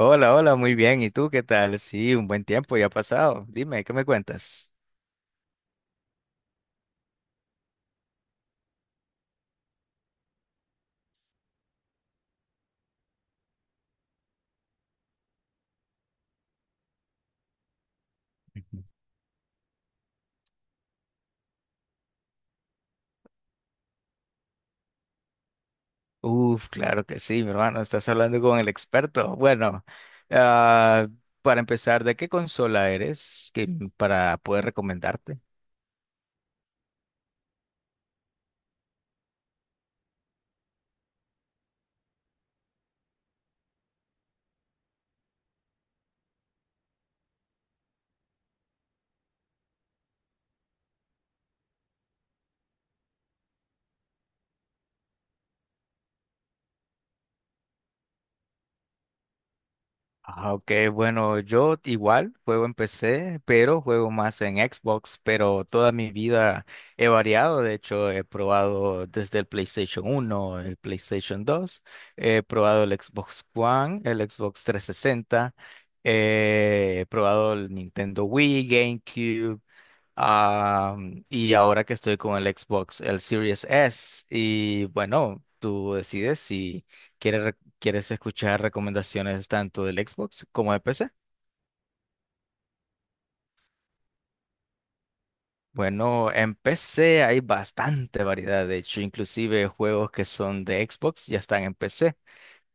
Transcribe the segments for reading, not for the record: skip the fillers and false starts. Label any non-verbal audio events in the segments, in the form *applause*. Hola, hola, muy bien. ¿Y tú qué tal? Sí, un buen tiempo ya ha pasado. Dime, ¿qué me cuentas? Uf, claro que sí, mi hermano, estás hablando con el experto. Bueno, ah, para empezar, ¿de qué consola eres que- ¿para poder recomendarte? Ah, ok, bueno, yo igual juego en PC, pero juego más en Xbox, pero toda mi vida he variado, de hecho he probado desde el PlayStation uno, el PlayStation 2, he probado el Xbox One, el Xbox 360, he probado el Nintendo Wii, GameCube. Ah, y ahora que estoy con el Xbox, el Series S. Y bueno, tú decides si quieres escuchar recomendaciones tanto del Xbox como de PC. Bueno, en PC hay bastante variedad, de hecho, inclusive juegos que son de Xbox ya están en PC,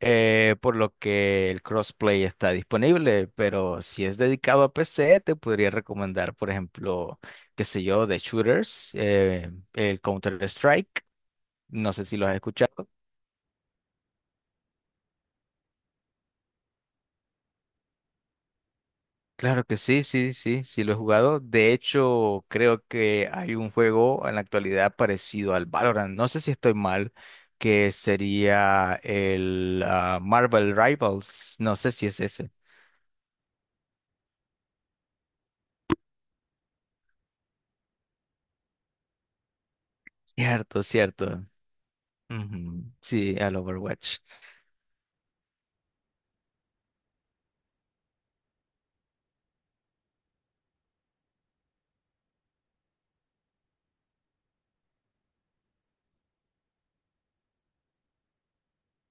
por lo que el crossplay está disponible, pero si es dedicado a PC, te podría recomendar, por ejemplo, qué sé yo, de shooters, el Counter-Strike. No sé si lo has escuchado. Claro que sí, sí, sí, sí lo he jugado. De hecho, creo que hay un juego en la actualidad parecido al Valorant. No sé si estoy mal, que sería el Marvel Rivals. No sé si es ese. Cierto, cierto. Ujú, sí, al Overwatch.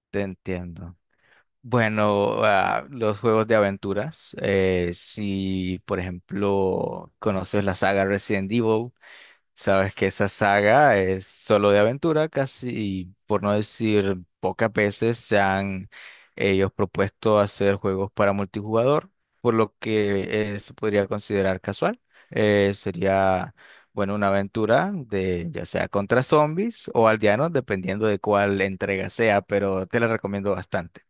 Te entiendo. Bueno, los juegos de aventuras. Si, por ejemplo, conoces la saga Resident Evil. Sabes que esa saga es solo de aventura, casi, por no decir pocas veces, se han ellos propuesto hacer juegos para multijugador, por lo que se podría considerar casual. Eh, sería, bueno, una aventura de ya sea contra zombies o aldeanos, dependiendo de cuál entrega sea, pero te la recomiendo bastante.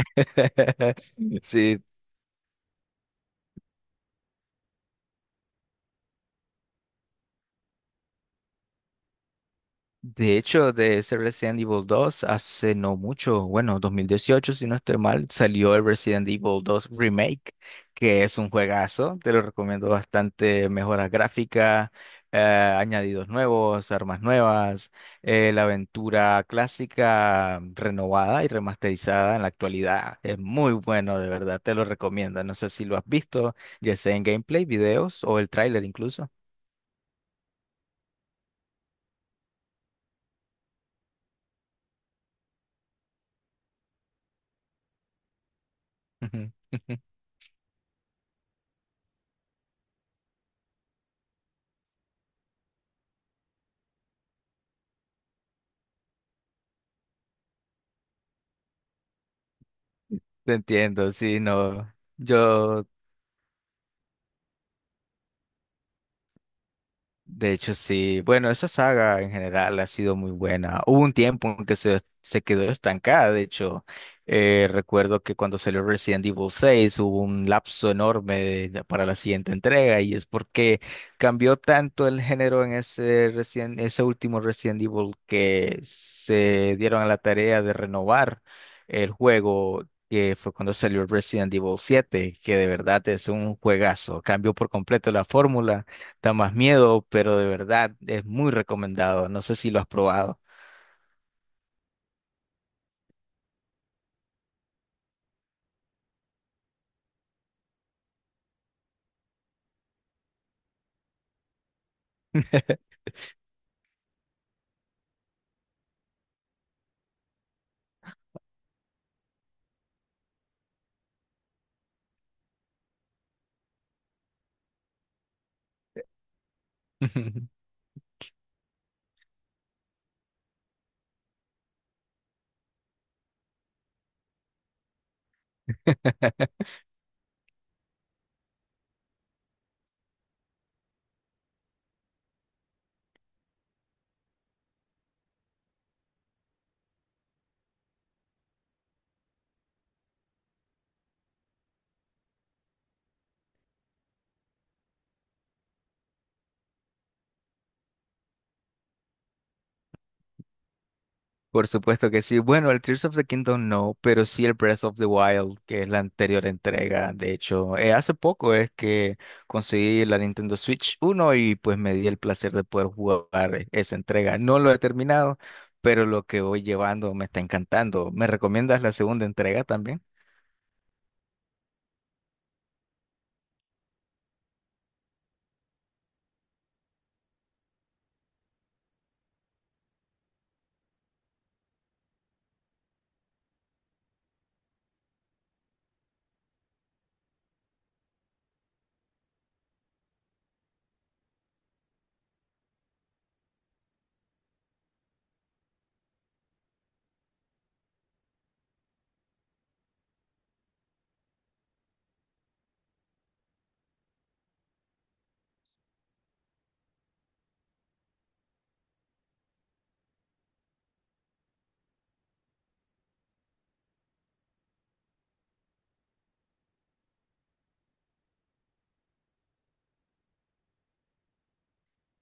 *laughs* Sí, de hecho, de ese Resident Evil 2, hace no mucho, bueno, 2018, si no estoy mal, salió el Resident Evil 2 Remake, que es un juegazo, te lo recomiendo bastante, mejoras gráficas, añadidos nuevos, armas nuevas, la aventura clásica renovada y remasterizada en la actualidad. Es muy bueno, de verdad, te lo recomiendo. No sé si lo has visto, ya sea en gameplay, videos o el tráiler incluso. *laughs* Te entiendo, sí, no. De hecho, sí. Bueno, esa saga en general ha sido muy buena. Hubo un tiempo en que se quedó estancada. De hecho, recuerdo que cuando salió Resident Evil 6 hubo un lapso enorme para la siguiente entrega y es porque cambió tanto el género en ese último Resident Evil, que se dieron a la tarea de renovar el juego. Que fue cuando salió Resident Evil 7, que de verdad es un juegazo, cambió por completo la fórmula. Da más miedo, pero de verdad es muy recomendado. No sé si lo has probado. *laughs* Por supuesto que sí. Bueno, el Tears of the Kingdom no, pero sí el Breath of the Wild, que es la anterior entrega. De hecho, hace poco es que conseguí la Nintendo Switch uno y pues me di el placer de poder jugar esa entrega. No lo he terminado, pero lo que voy llevando me está encantando. ¿Me recomiendas la segunda entrega también?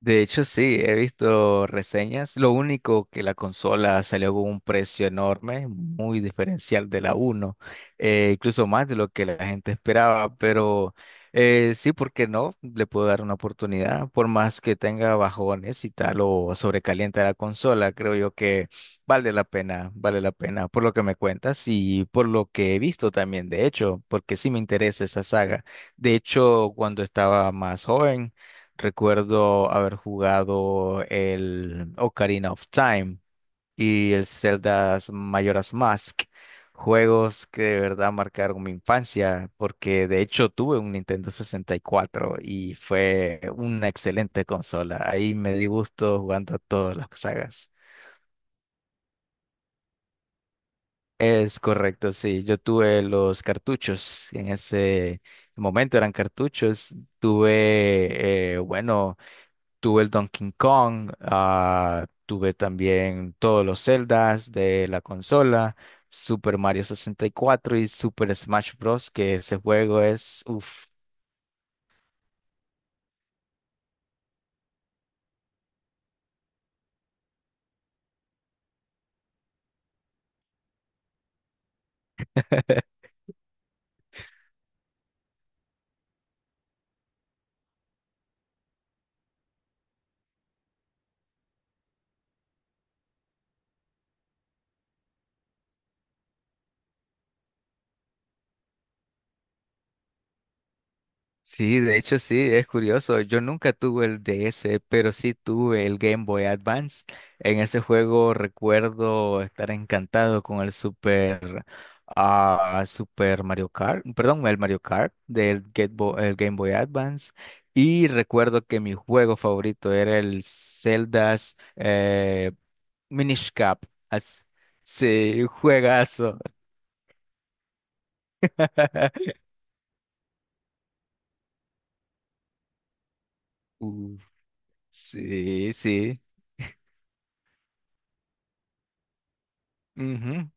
De hecho, sí, he visto reseñas. Lo único que la consola salió con un precio enorme, muy diferencial de la uno, incluso más de lo que la gente esperaba, pero sí, ¿por qué no? Le puedo dar una oportunidad, por más que tenga bajones y tal o sobrecaliente la consola, creo yo que vale la pena por lo que me cuentas y por lo que he visto también, de hecho, porque sí me interesa esa saga. De hecho, cuando estaba más joven... Recuerdo haber jugado el Ocarina of Time y el Zelda Majora's Mask, juegos que de verdad marcaron mi infancia, porque de hecho tuve un Nintendo 64 y cuatro y fue una excelente consola. Ahí me di gusto jugando a todas las sagas. Es correcto, sí. Yo tuve los cartuchos. En ese momento eran cartuchos. Tuve, bueno. Tuve el Donkey Kong, tuve también todos los Zeldas de la consola, Super Mario 64 y cuatro y Super Smash Bros., que ese juego es uff. *laughs* Sí, de hecho sí, es curioso. Yo nunca tuve el DS, pero sí tuve el Game Boy Advance. En ese juego recuerdo estar encantado con el Super Mario Kart, perdón, el Mario Kart del el Game Boy Advance. Y recuerdo que mi juego favorito era el Zelda's Minish Cap. As- Sí, juegazo. *laughs* Uh, sí, sí. Ujú,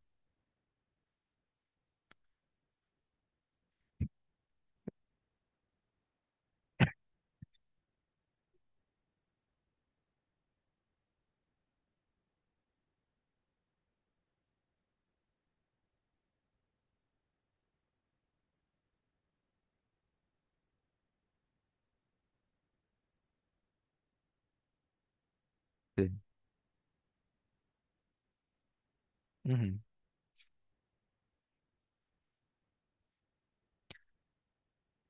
sí, ujú.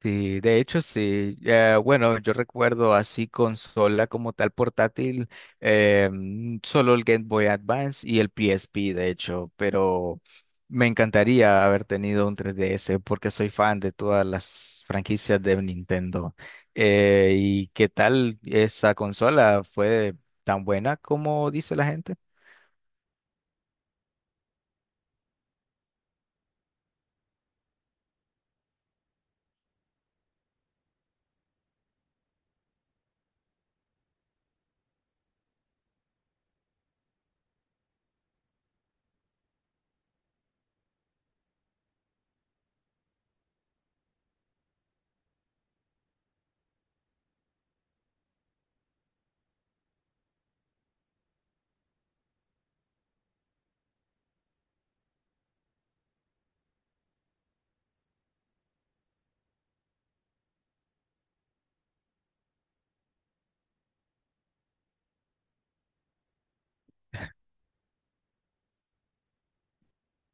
Sí, de hecho sí. Bueno, yo recuerdo así consola como tal portátil, solo el Game Boy Advance y el PSP, de hecho, pero me encantaría haber tenido un 3DS porque soy fan de todas las franquicias de Nintendo. ¿Y qué tal esa consola? ¿Fue tan buena como dice la gente?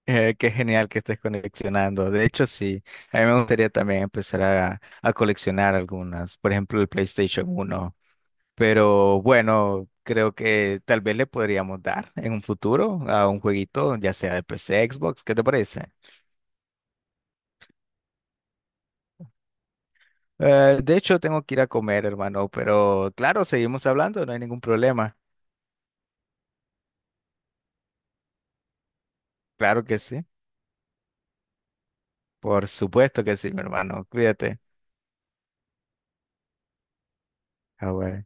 Qué genial que estés coleccionando. De hecho, sí, a mí me gustaría también empezar a coleccionar algunas, por ejemplo, el PlayStation uno. Pero bueno, creo que tal vez le podríamos dar en un futuro a un jueguito, ya sea de PC, Xbox, ¿qué te parece? De hecho, tengo que ir a comer, hermano, pero claro, seguimos hablando, no hay ningún problema. Claro que sí, por supuesto que sí, mi hermano, cuídate. Ah, bueno.